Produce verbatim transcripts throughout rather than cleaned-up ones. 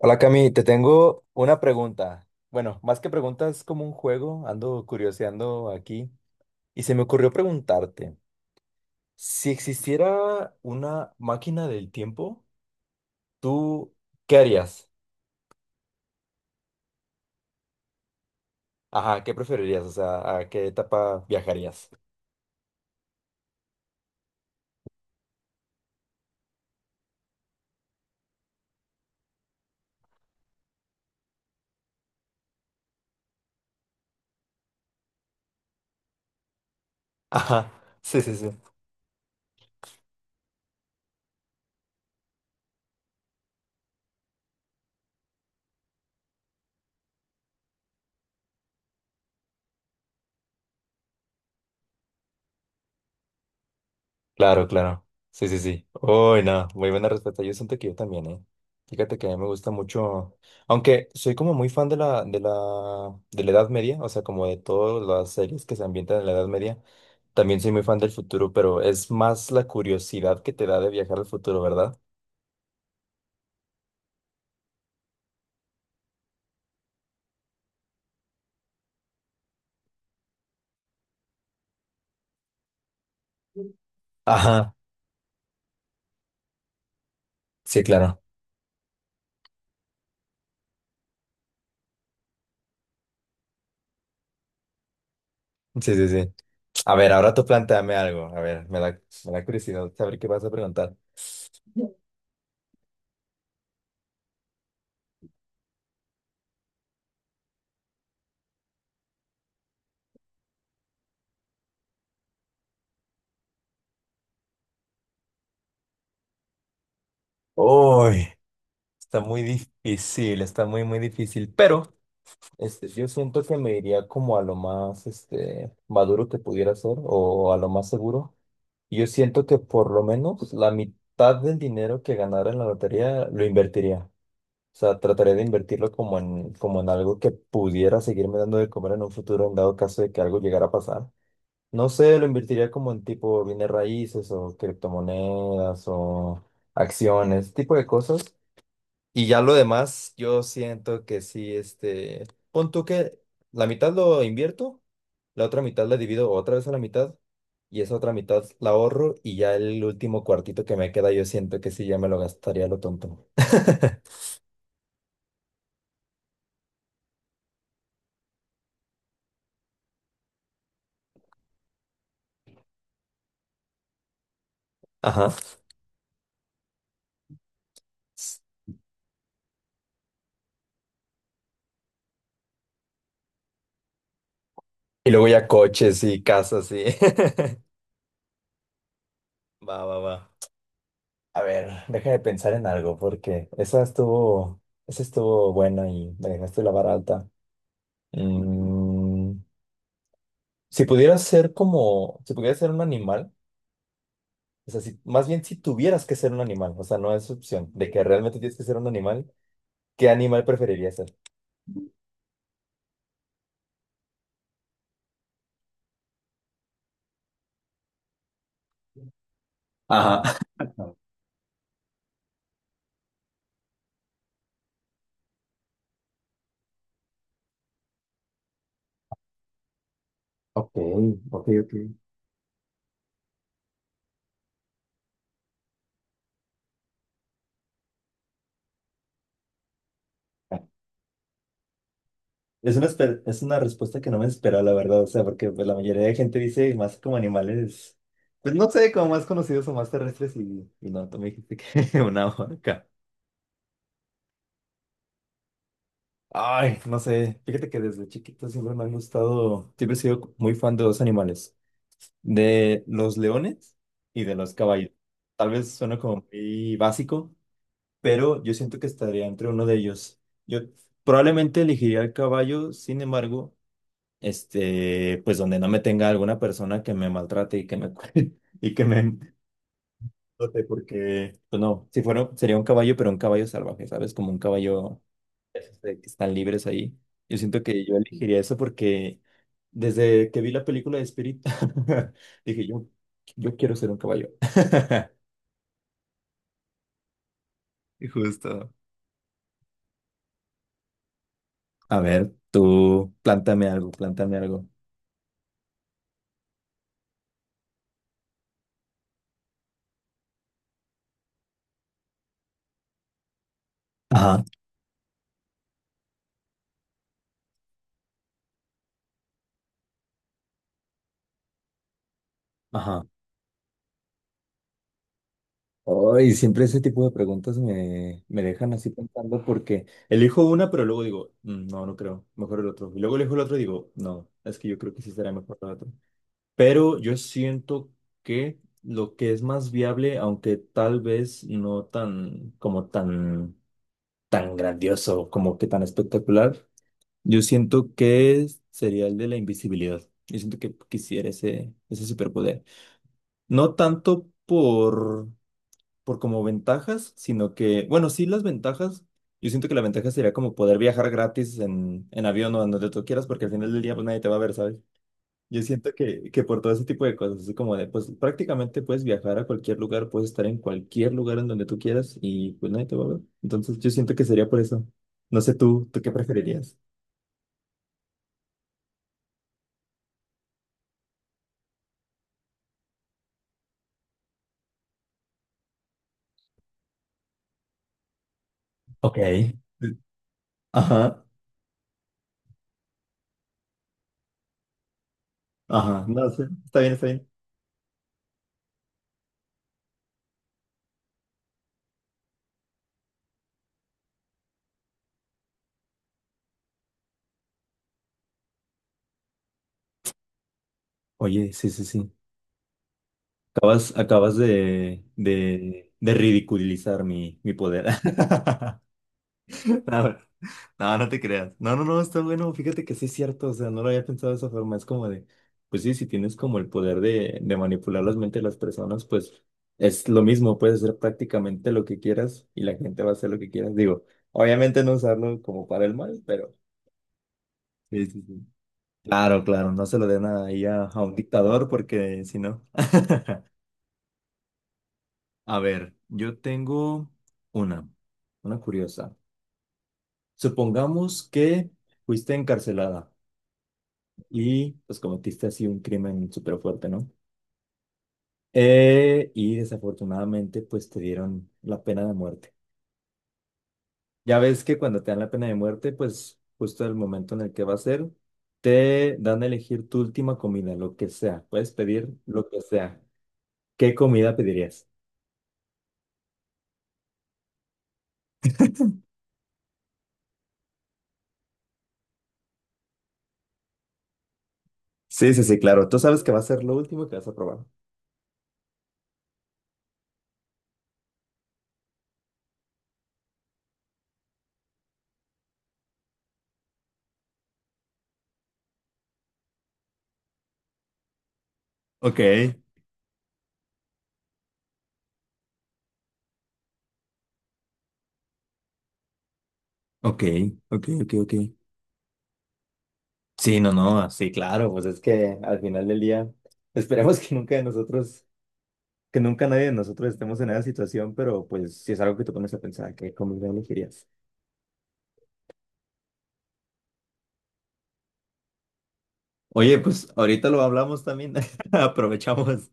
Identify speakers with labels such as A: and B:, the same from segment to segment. A: Hola Cami, te tengo una pregunta. Bueno, más que preguntas, como un juego, ando curioseando aquí y se me ocurrió preguntarte, si existiera una máquina del tiempo, ¿tú qué harías? Ajá, ¿qué preferirías? O sea, ¿a qué etapa viajarías? Ajá, sí, sí, sí. Claro, claro. Sí, sí, sí. Uy, no, muy buena respuesta. Yo siento que yo también, ¿eh? Fíjate que a mí me gusta mucho, aunque soy como muy fan de la, de la, de la Edad Media, o sea, como de todas las series que se ambientan en la Edad Media, también soy muy fan del futuro, pero es más la curiosidad que te da de viajar al futuro, ¿verdad? Ajá, sí, claro. Sí, sí, sí. A ver, ahora tú planteame algo. A ver, me da, me da curiosidad saber qué vas a preguntar. Uy, está muy difícil, está muy, muy difícil, pero... Este, yo siento que me iría como a lo más este, maduro que pudiera ser o a lo más seguro. Yo siento que por lo menos la mitad del dinero que ganara en la lotería lo invertiría. O sea, trataría de invertirlo como en, como en algo que pudiera seguirme dando de comer en un futuro en dado caso de que algo llegara a pasar. No sé, lo invertiría como en tipo bienes raíces o criptomonedas o acciones, tipo de cosas y ya lo demás, yo siento que sí, este, pon tú que la mitad lo invierto, la otra mitad la divido otra vez a la mitad y esa otra mitad la ahorro y ya el último cuartito que me queda yo siento que sí, ya me lo gastaría a lo tonto. Ajá. Y luego ya coches y casas y... Va, va, va. A ver, déjame pensar en algo porque esa estuvo, esa estuvo buena y me dejaste la vara alta. Mm, Si pudieras ser como, si pudieras ser un animal, o sea, si, más bien si tuvieras que ser un animal, o sea, no es opción, de que realmente tienes que ser un animal, ¿qué animal preferirías ser? Ajá. Ok, ok, ok. Es una, espe- es una respuesta que no me esperaba, la verdad, o sea, porque pues, la mayoría de gente dice más como animales, pues no sé, como más conocidos o más terrestres y, y no, tú me dijiste que una vaca. Ay, no sé, fíjate que desde chiquito siempre me han gustado, siempre he sido muy fan de dos animales. De los leones y de los caballos. Tal vez suena como muy básico, pero yo siento que estaría entre uno de ellos. Yo probablemente elegiría el caballo, sin embargo, este, pues donde no me tenga alguna persona que me maltrate y que me cu- y que me explote, porque pues no, si fuera sería un caballo, pero un caballo salvaje, ¿sabes? Como un caballo de que están libres ahí. Yo siento que yo elegiría eso porque desde que vi la película de Spirit, dije yo, yo quiero ser un caballo. Y Justo. A ver, tú, plántame algo, plántame algo. Ajá, ajá. Ay, siempre ese tipo de preguntas me, me dejan así pensando porque elijo una, pero luego digo, "Mm, no, no creo, mejor el otro". Y luego elijo el otro y digo, no, es que yo creo que sí será mejor el otro. Pero yo siento que lo que es más viable, aunque tal vez no tan como tan tan grandioso, como que tan espectacular, yo siento que sería el de la invisibilidad. Yo siento que quisiera ese ese superpoder. No tanto por por como ventajas, sino que, bueno, sí las ventajas. Yo siento que la ventaja sería como poder viajar gratis en, en avión o en donde tú quieras, porque al final del día pues nadie te va a ver, ¿sabes? Yo siento que, que por todo ese tipo de cosas, es como de, pues prácticamente puedes viajar a cualquier lugar, puedes estar en cualquier lugar en donde tú quieras y pues nadie te va a ver. Entonces yo siento que sería por eso. No sé tú, ¿tú qué preferirías? Ok, ajá, ajá. No sé, está bien, está bien. Oye, sí, sí, sí. Acabas, acabas de, de, de ridiculizar mi, mi poder. No, no, no te creas. No, no, no, está bueno. Fíjate que sí es cierto. O sea, no lo había pensado de esa forma. Es como de, pues sí, si tienes como el poder de, de manipular las mentes de las personas, pues es lo mismo. Puedes hacer prácticamente lo que quieras y la gente va a hacer lo que quieras. Digo, obviamente no usarlo como para el mal, pero... Sí, sí, sí. Claro, claro. No se lo den ahí a, a un dictador porque si no... A ver, yo tengo una, una curiosa. Supongamos que fuiste encarcelada. Y pues cometiste así un crimen súper fuerte, ¿no? Eh, y desafortunadamente pues te dieron la pena de muerte. Ya ves que cuando te dan la pena de muerte, pues justo el momento en el que va a ser, te dan a elegir tu última comida, lo que sea. Puedes pedir lo que sea. ¿Qué comida pedirías? Sí, sí, sí, claro. Tú sabes que va a ser lo último que vas a probar. Ok, ok, ok, ok, ok. Sí, no, no, sí, claro, pues es que al final del día, esperemos que nunca de nosotros, que nunca nadie de nosotros estemos en esa situación, pero pues si es algo que tú pones a pensar, ¿qué comida elegirías? Oye, pues ahorita lo hablamos también. Aprovechamos.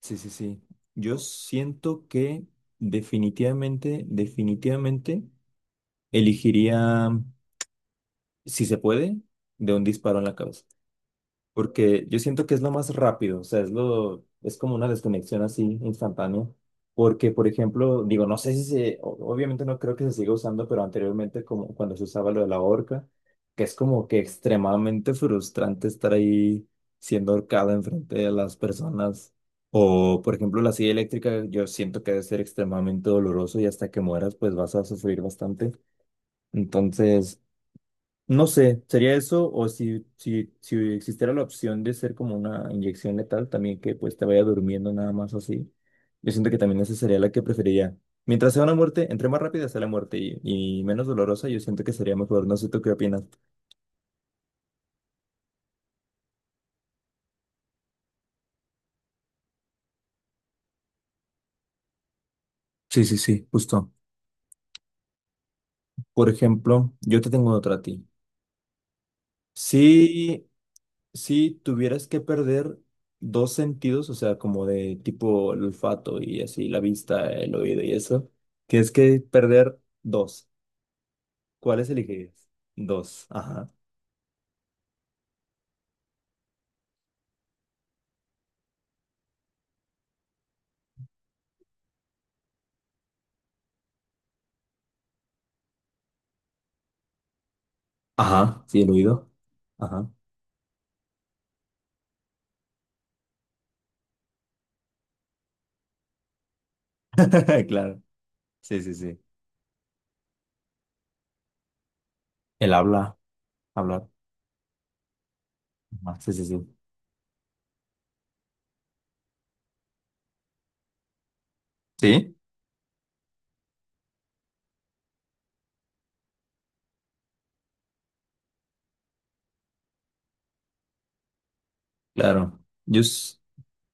A: Sí, sí, sí. Yo siento que definitivamente, definitivamente elegiría, si se puede, de un disparo en la cabeza. Porque yo siento que es lo más rápido, o sea, es lo, es como una desconexión así instantánea, porque, por ejemplo, digo, no sé si se, o- obviamente no creo que se siga usando, pero anteriormente como cuando se usaba lo de la horca, que es como que extremadamente frustrante estar ahí siendo ahorcado enfrente de las personas, o, por ejemplo, la silla eléctrica, yo siento que debe ser extremadamente doloroso y hasta que mueras, pues vas a sufrir bastante. Entonces... No sé, sería eso, o si, si, si existiera la opción de ser como una inyección letal, también que pues te vaya durmiendo nada más así. Yo siento que también esa sería la que preferiría. Mientras sea una muerte, entre más rápida sea la muerte y, y menos dolorosa, yo siento que sería mejor. No sé tú qué opinas. Sí, sí, sí, justo. Por ejemplo, yo te tengo otra a ti. Si, si tuvieras que perder dos sentidos, o sea, como de tipo el olfato y así, la vista, el oído y eso, que es que perder dos. ¿Cuáles elegirías? Dos. Ajá. Ajá. Sí, el oído. Ajá. Claro. Sí, sí, sí. El habla, hablar. Ajá, sí, sí, sí. ¿Sí? Claro. Yo, s-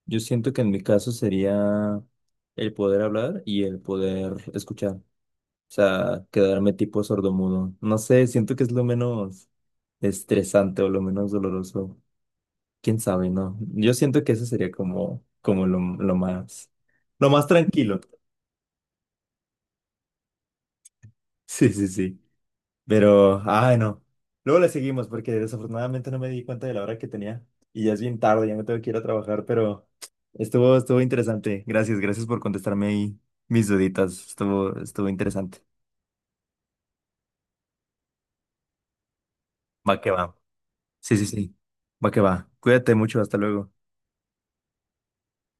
A: yo siento que en mi caso sería el poder hablar y el poder escuchar. O sea, quedarme tipo sordomudo. No sé, siento que es lo menos estresante o lo menos doloroso. Quién sabe, ¿no? Yo siento que eso sería como, como lo, lo más, lo más tranquilo. Sí, sí, sí. Pero, ay, no. Luego le seguimos porque desafortunadamente no me di cuenta de la hora que tenía y ya es bien tarde, ya me tengo que ir a trabajar, pero estuvo, estuvo interesante. Gracias, gracias por contestarme ahí mis duditas. Estuvo, estuvo interesante. Va que va. Sí, sí, sí. Va que va. Cuídate mucho, hasta luego.